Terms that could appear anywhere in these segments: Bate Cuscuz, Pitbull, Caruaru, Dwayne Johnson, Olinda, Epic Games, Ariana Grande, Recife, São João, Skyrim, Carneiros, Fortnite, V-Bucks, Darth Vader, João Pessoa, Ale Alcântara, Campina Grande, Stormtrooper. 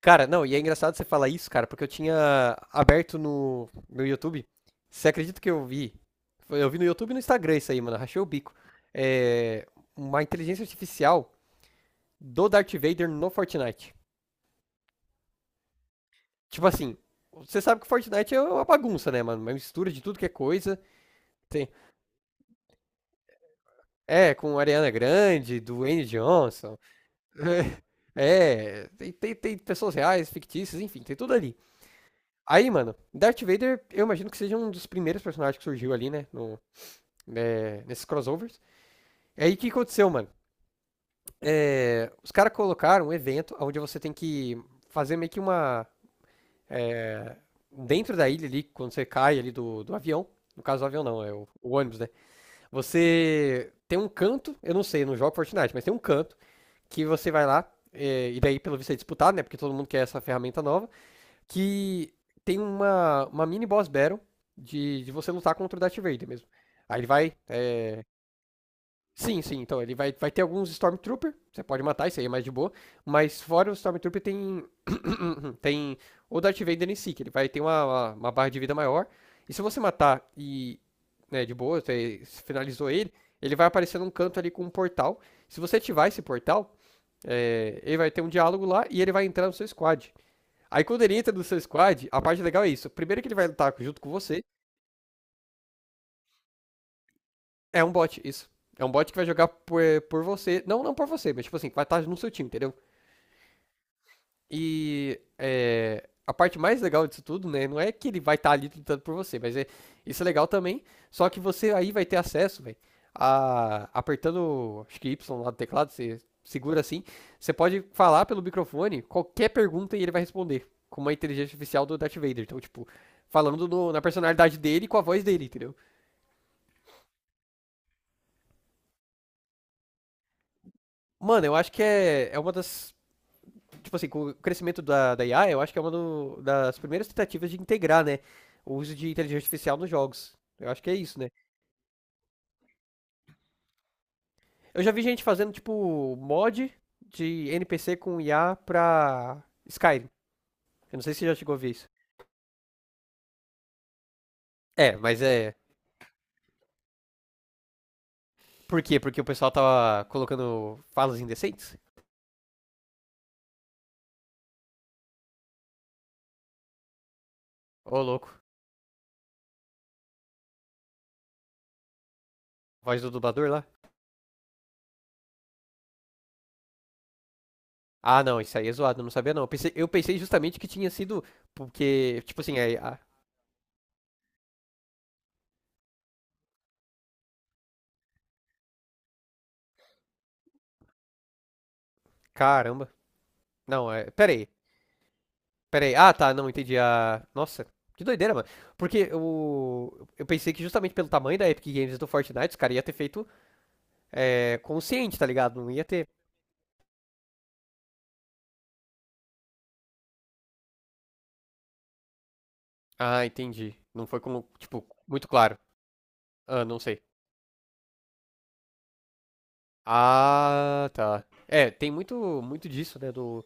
Cara, não, e é engraçado você falar isso, cara, porque eu tinha aberto no meu YouTube. Você acredita que eu vi? Eu vi no YouTube e no Instagram isso aí, mano. Rachei o bico. É, uma inteligência artificial do Darth Vader no Fortnite. Tipo assim, você sabe que o Fortnite é uma bagunça, né, mano? Uma mistura de tudo que é coisa. Tem, é, com Ariana Grande, Dwayne Johnson. É, tem pessoas reais, fictícias, enfim, tem tudo ali. Aí, mano, Darth Vader, eu imagino que seja um dos primeiros personagens que surgiu ali, né? No, né, nesses crossovers. E aí, o que aconteceu, mano? Os caras colocaram um evento onde você tem que fazer meio que uma. Dentro da ilha ali, quando você cai ali do avião. No caso, o avião não, é o ônibus, né? Você tem um canto, eu não sei, eu não jogo Fortnite, mas tem um canto que você vai lá. E daí, pelo visto, é disputado, né? Porque todo mundo quer essa ferramenta nova. Que tem uma mini boss battle de você lutar contra o Darth Vader mesmo. Aí ele vai. Sim, então ele vai, vai ter alguns Stormtrooper. Você pode matar, isso aí é mais de boa. Mas fora o Stormtrooper tem. Tem o Darth Vader em si, que ele vai ter uma barra de vida maior. E se você matar e. Né, de boa, você finalizou ele, ele vai aparecer num canto ali com um portal. Se você ativar esse portal, é, ele vai ter um diálogo lá e ele vai entrar no seu squad. Aí quando ele entra no seu squad, a parte legal é isso. Primeiro que ele vai lutar junto com você, é um bot, isso. É um bot que vai jogar por você. Não, não por você, mas tipo assim, vai estar no seu time, entendeu? E é, a parte mais legal disso tudo, né? Não é que ele vai estar ali lutando por você, mas é, isso é legal também. Só que você aí vai ter acesso, velho, a apertando, acho que Y lá do teclado, você segura assim, você pode falar pelo microfone qualquer pergunta e ele vai responder com uma inteligência artificial do Darth Vader. Então, tipo, falando no- na personalidade dele e com a voz dele, entendeu? Mano, eu acho que é uma das tipo assim, com o crescimento da IA, eu acho que é das primeiras tentativas de integrar, né, o uso de inteligência artificial nos jogos. Eu acho que é isso, né? Eu já vi gente fazendo, tipo, mod de NPC com IA pra Skyrim. Eu não sei se você já chegou a ver isso. É, mas é. Por quê? Porque o pessoal tava colocando falas indecentes? Ô, louco. Voz do dublador lá. Ah, não, isso aí é zoado, eu não sabia não. Eu pensei justamente que tinha sido. Porque, tipo assim, aí. Ah, caramba. Não, é. Pera aí. Peraí. Ah, tá, não entendi a. Nossa, que doideira, mano. Porque o... eu pensei que justamente pelo tamanho da Epic Games e do Fortnite, os caras iam ter feito é, consciente, tá ligado? Não ia ter. Ah, entendi. Não foi como, tipo, muito claro. Ah, não sei. Ah, tá. É, tem muito disso, né? Do,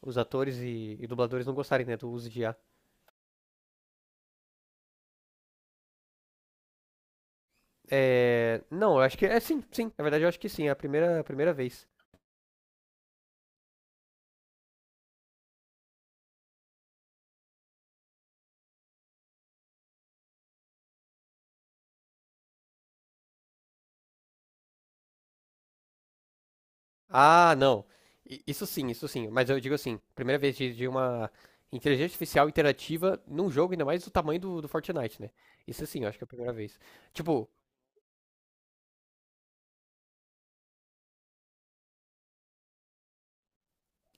os atores e dubladores não gostarem, né, do uso de I a. É, não, eu acho que é sim. Na verdade, eu acho que sim. É a primeira vez. Ah, não. Isso sim, isso sim. Mas eu digo assim, primeira vez de uma inteligência artificial interativa num jogo, ainda mais do tamanho do Fortnite, né? Isso sim, eu acho que é a primeira vez. Tipo,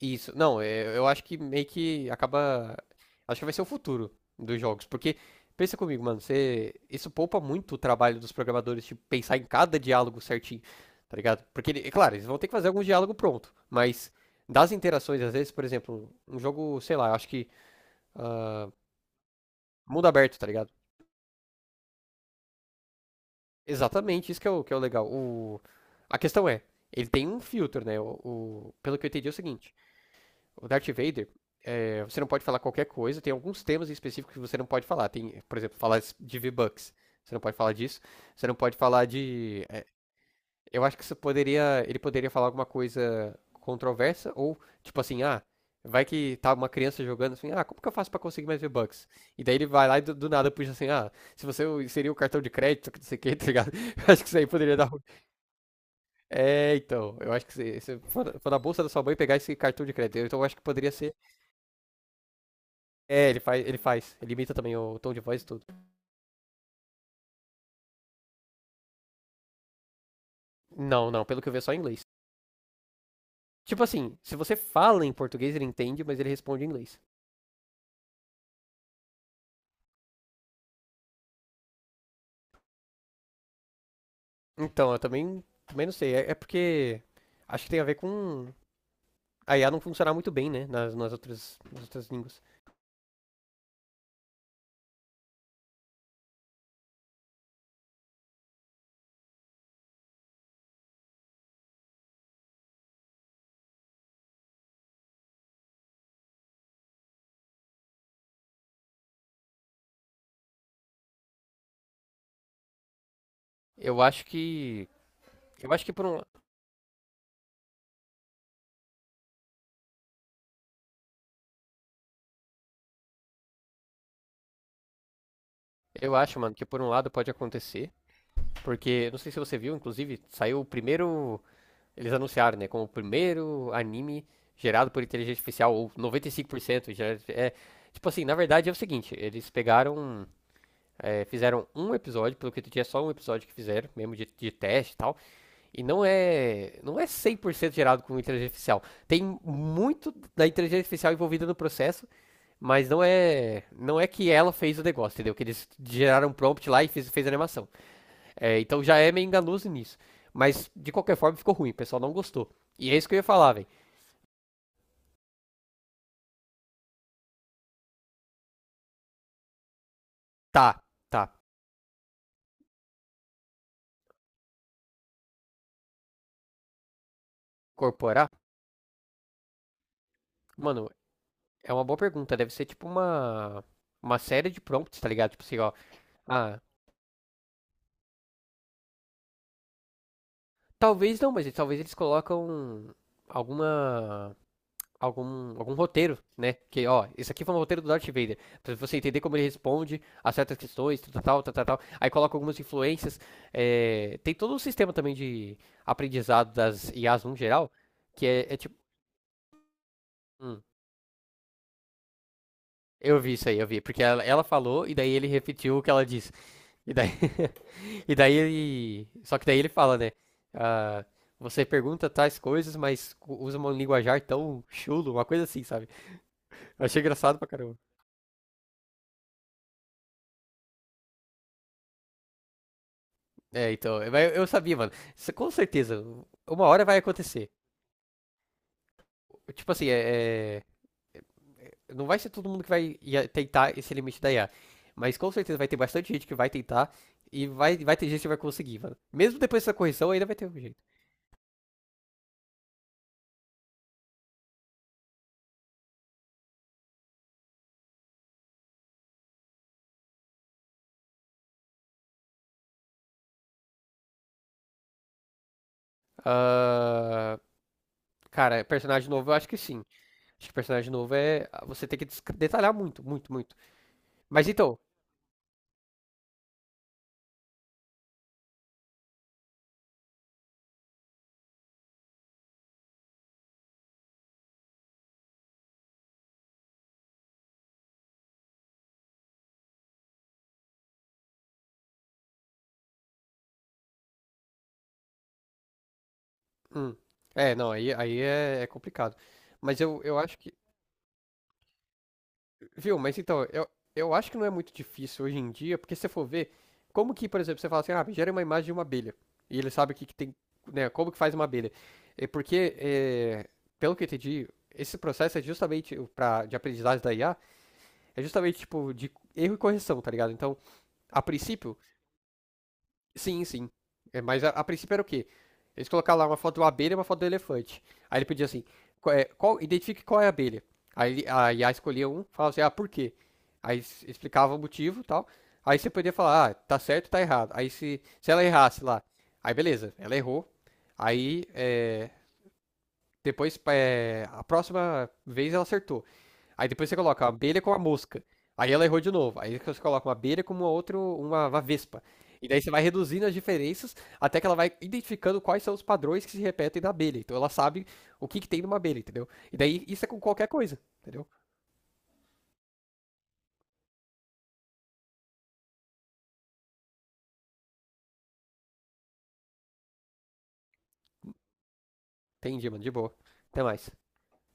isso. Não, é, eu acho que meio que acaba. Acho que vai ser o futuro dos jogos. Porque, pensa comigo, mano, você, isso poupa muito o trabalho dos programadores de pensar em cada diálogo certinho, tá ligado? Porque, é claro, eles vão ter que fazer algum diálogo pronto. Mas das interações, às vezes, por exemplo, um jogo, sei lá, eu acho que. Ah, Mundo aberto, tá ligado? Exatamente, isso que é que é o legal. O... A questão é, ele tem um filtro, né? Pelo que eu entendi é o seguinte, o Darth Vader, é, você não pode falar qualquer coisa, tem alguns temas específicos que você não pode falar. Tem, por exemplo, falar de V-Bucks, você não pode falar disso. Você não pode falar de. Eu acho que isso poderia, ele poderia falar alguma coisa controversa ou tipo assim, ah, vai que tá uma criança jogando assim, ah, como que eu faço pra conseguir mais V-Bucks? E daí ele vai lá e do nada puxa assim, ah, se você inserir o cartão de crédito, que não sei o que, tá ligado? Eu acho que isso aí poderia dar. É, então, eu acho que se for na bolsa da sua mãe pegar esse cartão de crédito, então eu acho que poderia ser. É, ele faz, ele imita também o tom de voz e tudo. Não, não, pelo que eu vi é só em inglês. Tipo assim, se você fala em português ele entende, mas ele responde em inglês. Então, eu também, também não sei. É, é porque acho que tem a ver com a IA não funcionar muito bem, né? Nas outras línguas. Eu acho que. Eu acho que por um. Eu acho, mano, que por um lado pode acontecer. Porque, não sei se você viu, inclusive, saiu o primeiro. Eles anunciaram, né? Como o primeiro anime gerado por inteligência artificial, ou 95% gerado. É, tipo assim, na verdade é o seguinte: eles pegaram. É, fizeram um episódio, pelo que eu entendi, é só um episódio que fizeram, mesmo de teste e tal. E não é, não é 100% gerado com inteligência artificial. Tem muito da inteligência artificial envolvida no processo, mas não é, não é que ela fez o negócio, entendeu? Que eles geraram um prompt lá e fez, fez a animação. É, então já é meio enganoso nisso. Mas de qualquer forma ficou ruim, o pessoal não gostou. E é isso que eu ia falar, velho. Tá, tá. Incorporar? Mano, é uma boa pergunta. Deve ser tipo uma série de prompts, tá ligado? Tipo assim, ó. Ah, talvez não, mas talvez eles colocam alguma algum roteiro, né? Que, ó, esse aqui foi um roteiro do Darth Vader. Pra você entender como ele responde a certas questões, tal, tal, tal, tal, tal. Aí coloca algumas influências. É, tem todo um sistema também de aprendizado das IAs no geral, que é tipo. Hum, eu vi isso aí, eu vi. Porque ela falou e daí ele repetiu o que ela disse. E daí, e daí ele. Só que daí ele fala, né? ah, você pergunta tais coisas, mas usa um linguajar tão chulo, uma coisa assim, sabe? Eu achei engraçado pra caramba. É, então, eu sabia, mano. Isso, com certeza, uma hora vai acontecer. Tipo assim, não vai ser todo mundo que tentar esse limite da I a. Mas com certeza vai ter bastante gente que vai tentar e vai ter gente que vai conseguir, mano. Mesmo depois dessa correção, ainda vai ter um jeito. Ah, cara, personagem novo, eu acho que sim. Acho que personagem novo é. Você tem que detalhar muito, muito, muito. Mas então. Hum, é, não, aí é, é complicado. Eu acho que. Viu? Mas então, eu acho que não é muito difícil hoje em dia, porque se você for ver, como que, por exemplo, você fala assim, ah, gera uma imagem de uma abelha. E ele sabe que tem, né? Como que faz uma abelha. É porque, é, pelo que eu entendi, esse processo é justamente de aprendizagem da IA, é justamente tipo de erro e correção, tá ligado? Então, a princípio, sim, sim. É, mas a princípio era o quê? Eles colocaram lá uma foto de uma abelha e uma foto do elefante. Aí ele pedia assim, identifique qual é a abelha. A IA escolhia um, falava assim, ah, por quê? Explicava o motivo e tal. Aí você podia falar, ah, tá certo, tá errado. Aí se ela errasse lá, aí beleza, ela errou. Aí é, depois, é, a próxima vez ela acertou. Aí depois você coloca a abelha com a mosca. Aí ela errou de novo. Aí você coloca uma abelha com uma vespa. E daí você vai reduzindo as diferenças até que ela vai identificando quais são os padrões que se repetem na abelha. Então ela sabe que tem numa abelha, entendeu? E daí isso é com qualquer coisa, entendeu? Entendi, mano. De boa. Até mais.